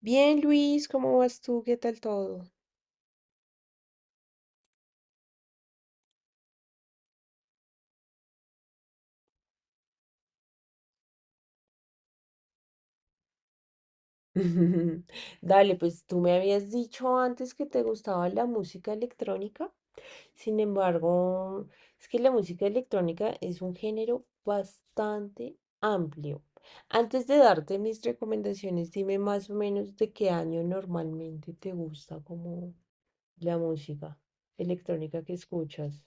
Bien, Luis, ¿cómo vas tú? ¿Qué tal todo? Dale, pues tú me habías dicho antes que te gustaba la música electrónica. Sin embargo, es que la música electrónica es un género bastante amplio. Antes de darte mis recomendaciones, dime más o menos de qué año normalmente te gusta como la música electrónica que escuchas.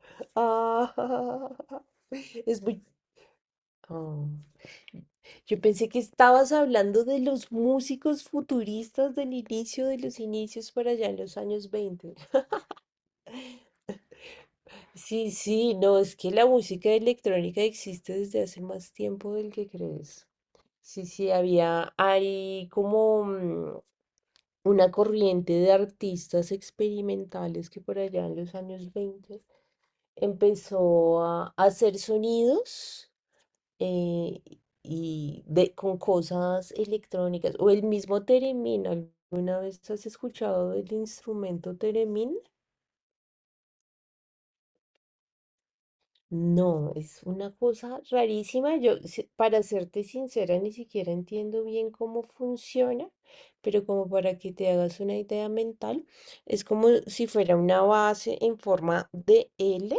Ah, es muy... Yo pensé que estabas hablando de los músicos futuristas del inicio de los inicios para allá en los años 20. Sí, sí, no, es que la música electrónica existe desde hace más tiempo del que crees. Sí, sí, hay como una corriente de artistas experimentales que por allá en los años 20 empezó a hacer sonidos eh, con cosas electrónicas o el mismo Teremin. ¿Alguna vez has escuchado el instrumento Teremin? No, es una cosa rarísima. Yo, si- para serte sincera, ni siquiera entiendo bien cómo funciona, pero como para que te hagas una idea mental, es como si fuera una base en forma de L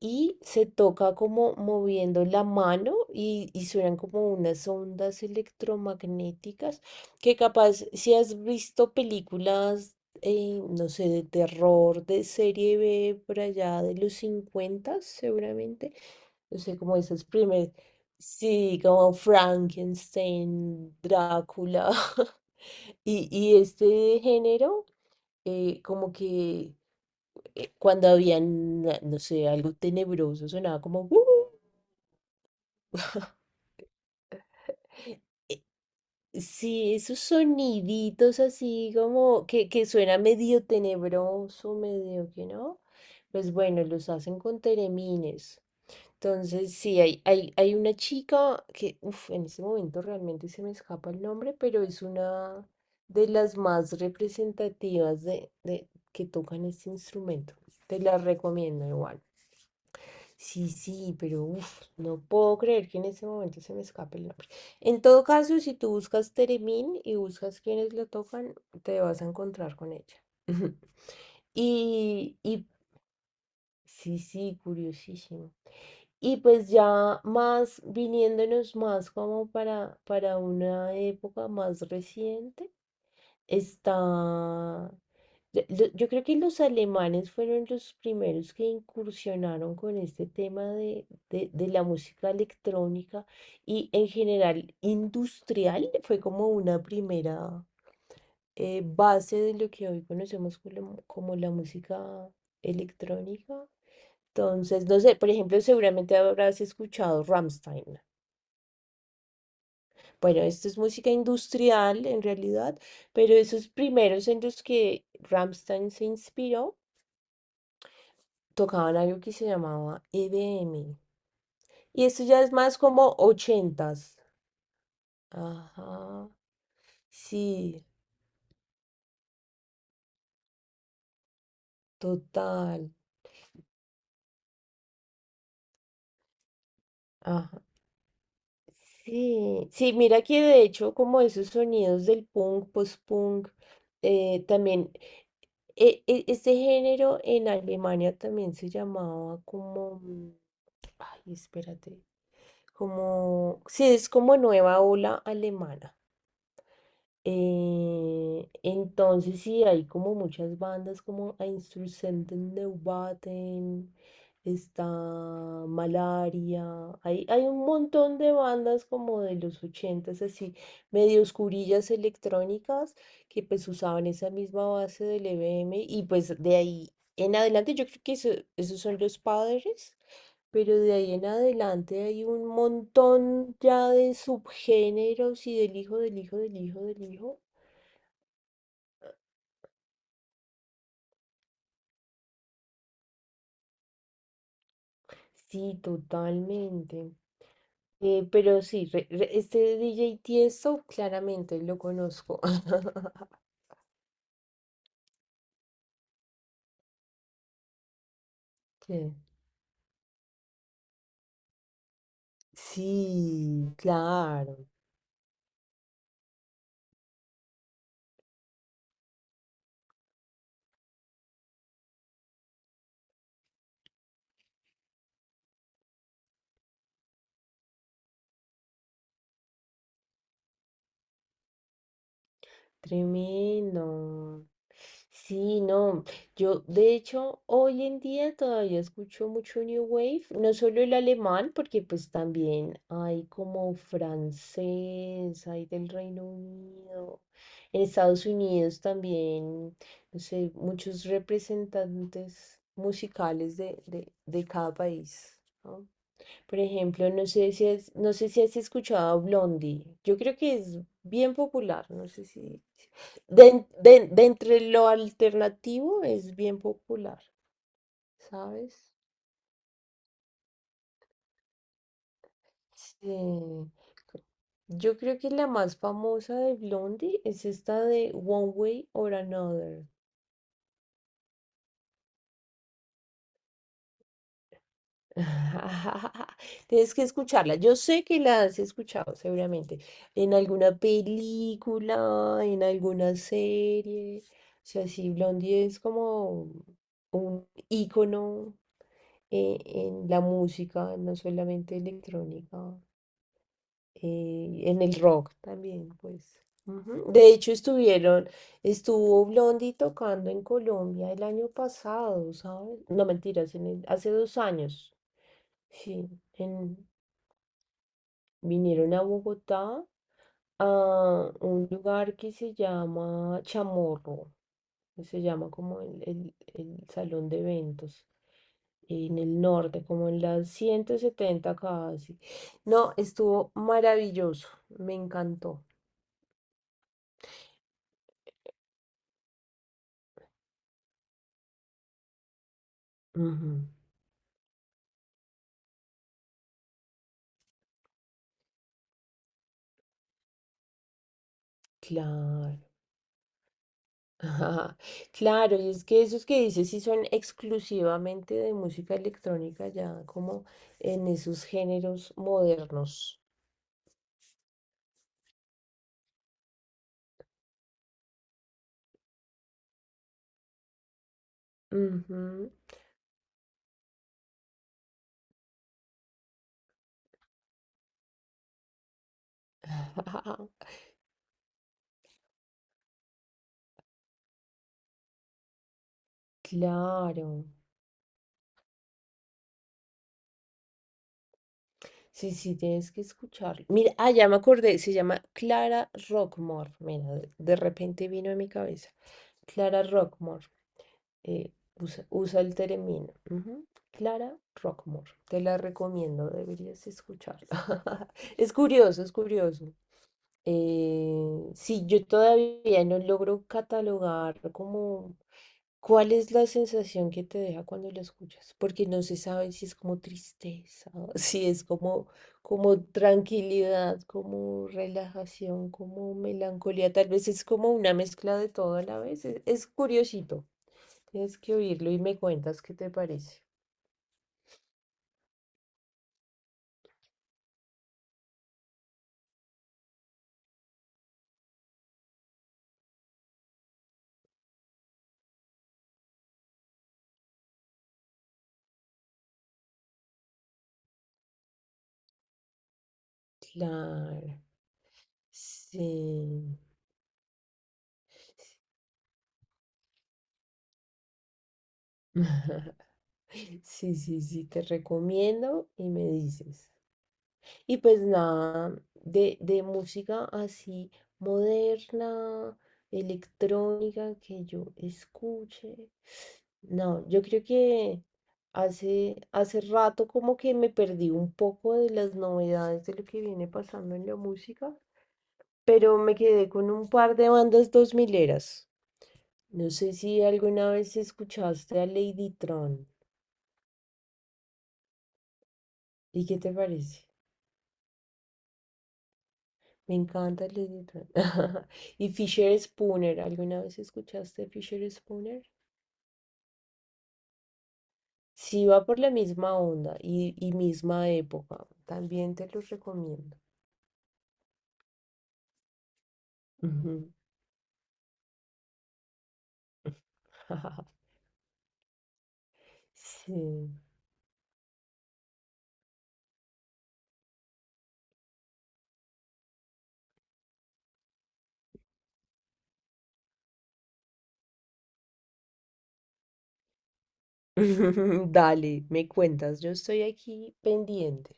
y se toca como moviendo la mano y suenan como unas ondas electromagnéticas que capaz si has visto películas, no sé, de terror, de serie B por allá de los 50 seguramente, no sé, como esas primeras, sí, como Frankenstein, Drácula. Y este género como que cuando habían, no sé, algo tenebroso, sonaba como...". Eh, sí, esos soniditos así como que suena medio tenebroso, medio que no. Pues bueno, los hacen con teremines. Entonces, sí, hay una chica que, uf, en este momento realmente se me escapa el nombre, pero es una de las más representativas de que tocan este instrumento. Te la recomiendo igual. Sí, sí, pero uf, no puedo creer que en ese momento se me escape el nombre. En todo caso, si tú buscas Teremín y buscas quienes lo tocan, te vas a encontrar con ella. Y sí, sí, curiosísimo. Y pues ya más viniéndonos más como para una época más reciente. Está... Yo creo que los alemanes fueron los primeros que incursionaron con este tema de la música electrónica y en general industrial. Fue como una primera base de lo que hoy conocemos como, como la música electrónica. Entonces, no sé, por ejemplo, seguramente habrás escuchado Rammstein. Bueno, esto es música industrial en realidad, pero esos primeros en los que Rammstein se inspiró tocaban algo que se llamaba EDM. Y esto ya es más como ochentas. Ajá, sí, total. Ajá. Sí, sí, mira que de hecho como esos sonidos del punk, post-punk, también, este género en Alemania también se llamaba como... Ay, espérate. Como, sí, es como nueva ola alemana. Entonces sí, hay como muchas bandas como Einstürzenden Neubauten, está Malaria, hay un montón de bandas como de los ochentas, así, medio oscurillas electrónicas, que pues usaban esa misma base del EBM y pues de ahí en adelante yo creo que esos son los padres. Pero de ahí en adelante hay un montón ya de subgéneros y del hijo, del hijo, del hijo, del hijo. Sí, totalmente. Pero sí, este DJ Tiesto claramente lo conozco. ¿Qué? Sí, claro. Tremendo. Sí, no. Yo, de hecho, hoy en día todavía escucho mucho New Wave, no solo el alemán, porque pues también hay como francés, hay del Reino Unido. En Estados Unidos también, no sé, muchos representantes musicales de cada país, ¿no? Por ejemplo, no sé si has escuchado a Blondie. Yo creo que es bien popular. No sé si. De entre lo alternativo es bien popular, ¿sabes? Sí. Yo creo que la más famosa de Blondie es esta de One Way or Another. Tienes que escucharla. Yo sé que la has escuchado seguramente en alguna película, en alguna serie. O sea, sí, Blondie es como un ícono en la música, no solamente electrónica, en el rock también, pues. Ujú. De hecho, estuvo Blondie tocando en Colombia el año pasado, ¿sabes? No, mentiras, hace 2 años. Sí, en, Vinieron a Bogotá a un lugar que se llama Chamorro, que se llama como el salón de eventos, en el norte, como en las 170 casi. No, estuvo maravilloso, me encantó. Ujú. Claro. Ajá. Claro, y es que esos que dices sí son exclusivamente de música electrónica, ya como en esos géneros modernos. Ujú. Claro. Sí, sí, tienes que escucharlo. Mira, ah, ya me acordé, se llama Clara Rockmore. Mira, de repente vino a mi cabeza. Clara Rockmore. eh, usa el término. Ujú. Clara Rockmore. Te la recomiendo, deberías escucharla. Es curioso, es curioso. Sí, yo todavía no logro catalogar como cuál es la sensación que te deja cuando la escuchas, porque no se sabe si es como tristeza, si es como, como tranquilidad, como relajación, como melancolía, tal vez es como una mezcla de todo a la vez. Es curiosito, tienes que oírlo y me cuentas qué te parece. Claro, sí. Sí, sí, sí, te recomiendo y me dices. Y pues nada, de música así moderna, electrónica que yo escuche. No, yo creo que hace rato como que me perdí un poco de las novedades de lo que viene pasando en la música, pero me quedé con un par de bandas dos mileras. No sé si alguna vez escuchaste a Lady Tron. ¿Y qué te parece? Me encanta Lily Tran. Y Fisher Spooner, ¿alguna vez escuchaste Fisher Spooner? Sí, va por la misma onda y misma época. También te los recomiendo. Ujú. Sí. Dale, me cuentas. Yo estoy aquí pendiente.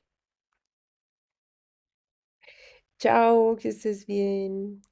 Chao, que estés bien.